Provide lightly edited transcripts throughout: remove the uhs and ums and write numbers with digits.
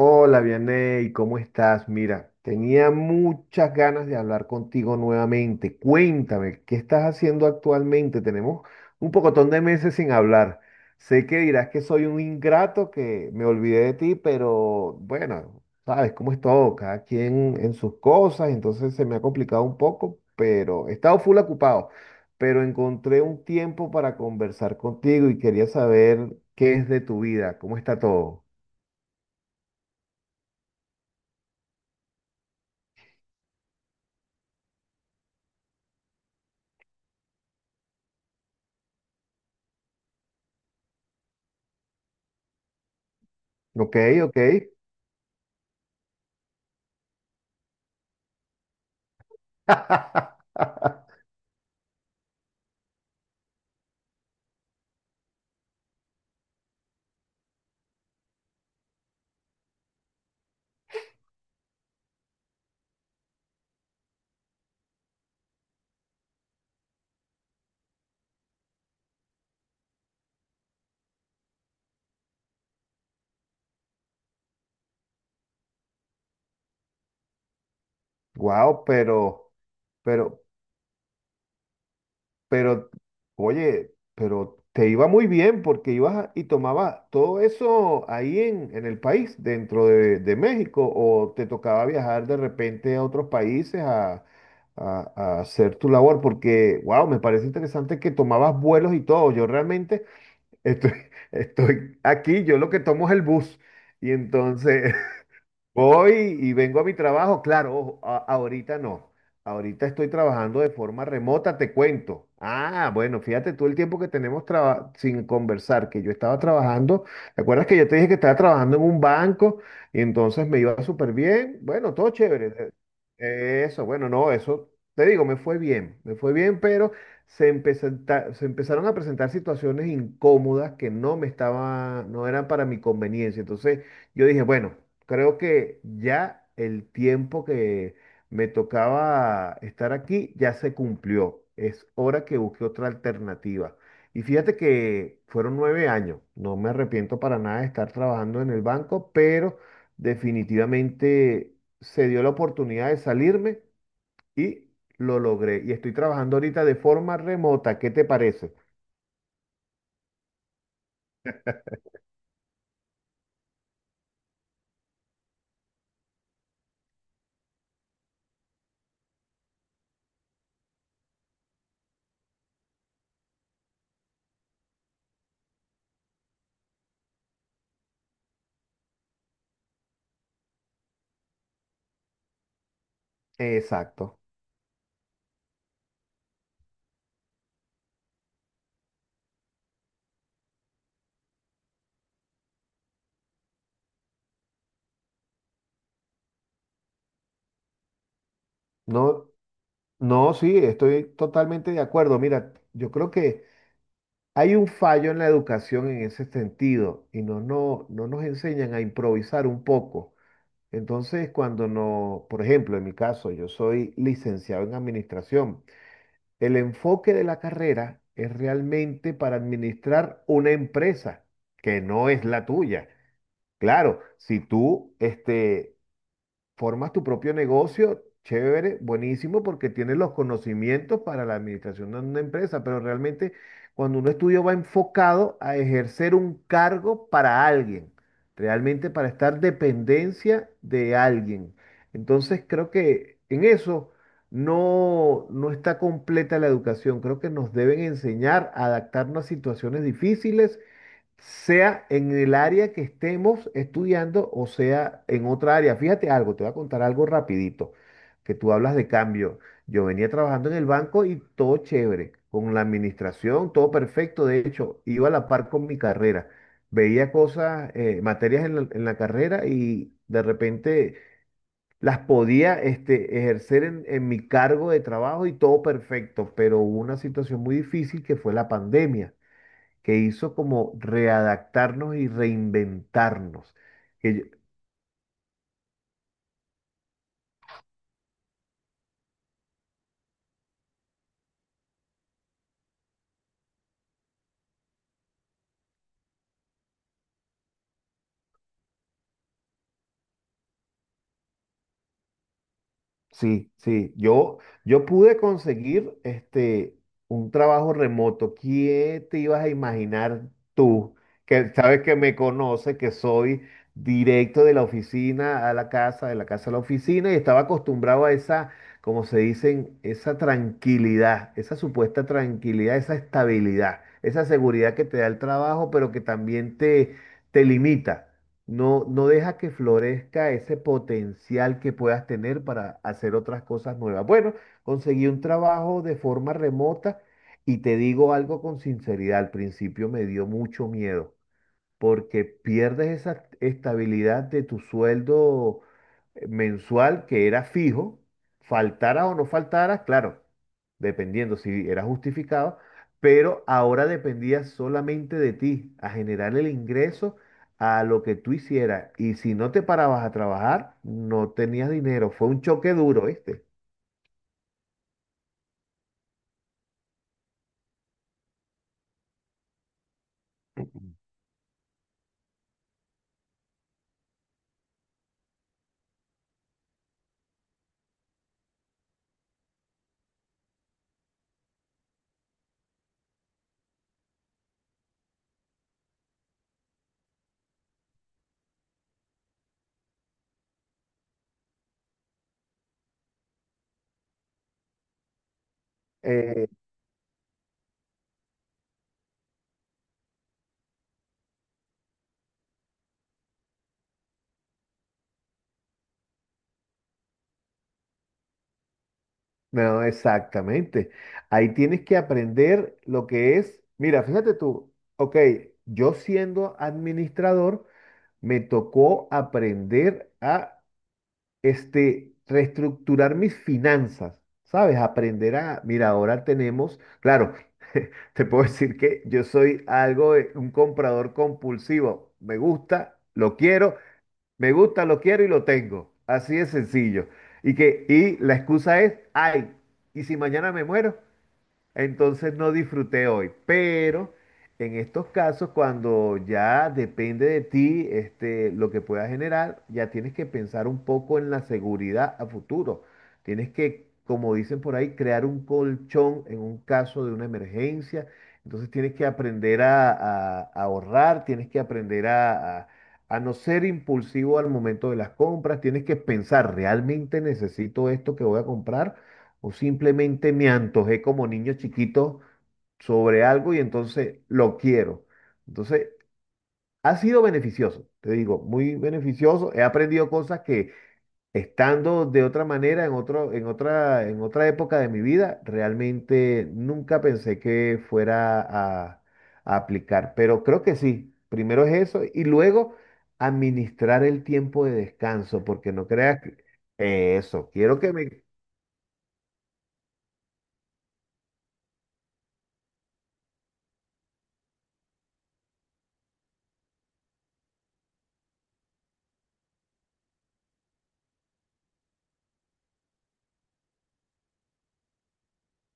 Hola, Vianey, ¿cómo estás? Mira, tenía muchas ganas de hablar contigo nuevamente. Cuéntame, ¿qué estás haciendo actualmente? Tenemos un pocotón de meses sin hablar. Sé que dirás que soy un ingrato, que me olvidé de ti, pero bueno, sabes cómo es todo, cada quien en sus cosas, entonces se me ha complicado un poco, pero he estado full ocupado, pero encontré un tiempo para conversar contigo y quería saber qué es de tu vida, cómo está todo. Ok, ok. Wow, pero, pero oye, pero te iba muy bien porque ibas a- y tomabas todo eso ahí en el país, dentro de México, o te tocaba viajar de repente a otros países a, a hacer tu labor, porque, wow, me parece interesante que tomabas vuelos y todo. Yo realmente estoy, estoy aquí, yo lo que tomo es el bus. Y entonces, voy y vengo a mi trabajo, claro, ojo, ahorita no. Ahorita estoy trabajando de forma remota, te cuento. Ah, bueno, fíjate tú el tiempo que tenemos sin conversar, que yo estaba trabajando. ¿Te acuerdas que yo te dije que estaba trabajando en un banco y entonces me iba súper bien? Bueno, todo chévere. Eso, bueno, no, eso te digo, me fue bien, pero se empezaron a presentar situaciones incómodas que no me estaba, no eran para mi conveniencia. Entonces, yo dije, bueno, creo que ya el tiempo que me tocaba estar aquí ya se cumplió. Es hora que busque otra alternativa. Y fíjate que fueron 9 años. No me arrepiento para nada de estar trabajando en el banco, pero definitivamente se dio la oportunidad de salirme y lo logré. Y estoy trabajando ahorita de forma remota. ¿Qué te parece? Exacto. No, no, sí, estoy totalmente de acuerdo. Mira, yo creo que... Hay un fallo en la educación en ese sentido y no, no nos enseñan a improvisar un poco. Entonces, cuando no, por ejemplo, en mi caso, yo soy licenciado en administración. El enfoque de la carrera es realmente para administrar una empresa que no es la tuya. Claro, si tú este, formas tu propio negocio, chévere, buenísimo, porque tienes los conocimientos para la administración de una empresa, pero realmente cuando uno estudia va enfocado a ejercer un cargo para alguien, realmente para estar dependencia de alguien. Entonces creo que en eso no, no está completa la educación, creo que nos deben enseñar a adaptarnos a situaciones difíciles sea en el área que estemos estudiando o sea en otra área. Fíjate algo, te voy a contar algo rapidito, que tú hablas de cambio. Yo venía trabajando en el banco y todo chévere, con la administración, todo perfecto. De hecho, iba a la par con mi carrera. Veía cosas, materias en la carrera y de repente las podía este, ejercer en mi cargo de trabajo y todo perfecto, pero hubo una situación muy difícil que fue la pandemia que hizo como readaptarnos y reinventarnos. Que yo- sí, sí, yo pude conseguir este, un trabajo remoto. ¿Qué te ibas a imaginar tú, que sabes que me conoces, que soy directo de la oficina a la casa, de la casa a la oficina, y estaba acostumbrado a esa, como se dicen, esa tranquilidad, esa supuesta tranquilidad, esa estabilidad, esa seguridad que te da el trabajo, pero que también te limita. No, no deja que florezca ese potencial que puedas tener para hacer otras cosas nuevas. Bueno, conseguí un trabajo de forma remota y te digo algo con sinceridad, al principio me dio mucho miedo porque pierdes esa estabilidad de tu sueldo mensual que era fijo, faltara o no faltara, claro, dependiendo si era justificado, pero ahora dependía solamente de ti, a generar el ingreso a lo que tú hicieras. Y si no te parabas a trabajar, no tenías dinero. Fue un choque duro, ¿viste? No, exactamente. Ahí tienes que aprender lo que es. Mira, fíjate tú, ok, yo siendo administrador, me tocó aprender a este, reestructurar mis finanzas, ¿sabes? Aprender a, mira, ahora tenemos, claro, te puedo decir que yo soy algo de un comprador compulsivo. Me gusta, lo quiero, me gusta, lo quiero y lo tengo. Así de sencillo. Y que, y la excusa es, ay, ¿y si mañana me muero? Entonces no disfruté hoy, pero en estos casos, cuando ya depende de ti, este, lo que puedas generar, ya tienes que pensar un poco en la seguridad a futuro. Tienes que, como dicen por ahí, crear un colchón en un caso de una emergencia. Entonces tienes que aprender a, a ahorrar, tienes que aprender a no ser impulsivo al momento de las compras, tienes que pensar, ¿realmente necesito esto que voy a comprar? O simplemente me antojé como niño chiquito sobre algo y entonces lo quiero. Entonces, ha sido beneficioso, te digo, muy beneficioso. He aprendido cosas que estando de otra manera, en otro, en otra época de mi vida, realmente nunca pensé que fuera a aplicar. Pero creo que sí. Primero es eso y luego administrar el tiempo de descanso, porque no creas que eso, quiero que me...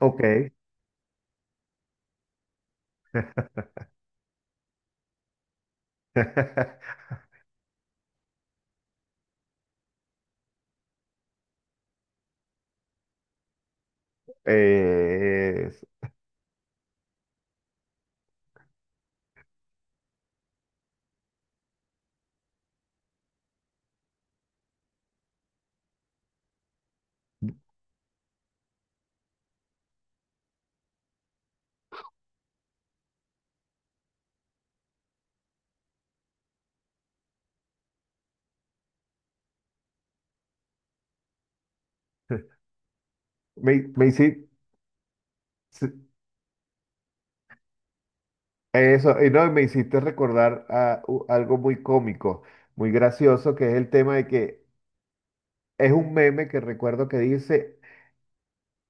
Ok. Eh, es- me, me hici- s- eso, y no, me hiciste recordar a, algo muy cómico, muy gracioso, que es el tema de que es un meme que recuerdo que dice,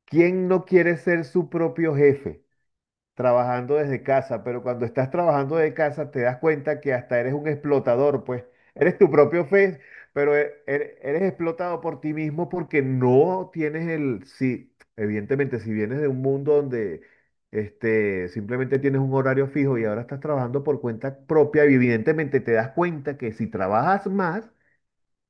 ¿quién no quiere ser su propio jefe? Trabajando desde casa, pero cuando estás trabajando de casa te das cuenta que hasta eres un explotador, pues eres tu propio fe, pero eres explotado por ti mismo porque no tienes el, si, evidentemente, si vienes de un mundo donde este, simplemente tienes un horario fijo y ahora estás trabajando por cuenta propia, evidentemente te das cuenta que si trabajas más,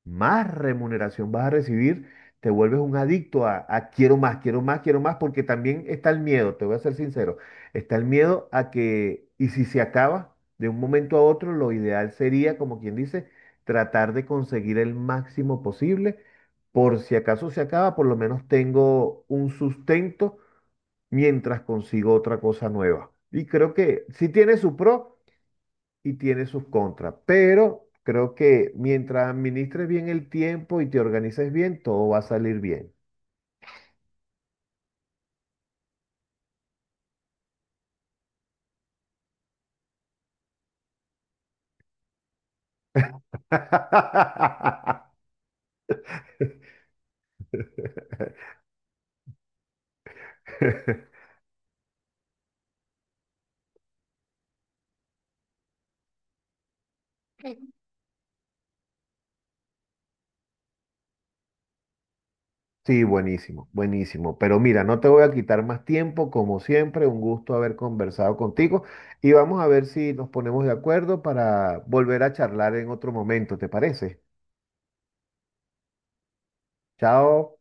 más remuneración vas a recibir, te vuelves un adicto a quiero más, quiero más, quiero más, porque también está el miedo, te voy a ser sincero, está el miedo a que, y si se acaba de un momento a otro, lo ideal sería, como quien dice, tratar de conseguir el máximo posible, por si acaso se acaba, por lo menos tengo un sustento mientras consigo otra cosa nueva. Y creo que si tiene su pro y tiene sus contras, pero creo que mientras administres bien el tiempo y te organices bien, todo va a salir bien. Sí, buenísimo, buenísimo. Pero mira, no te voy a quitar más tiempo, como siempre, un gusto haber conversado contigo y vamos a ver si nos ponemos de acuerdo para volver a charlar en otro momento, ¿te parece? Chao.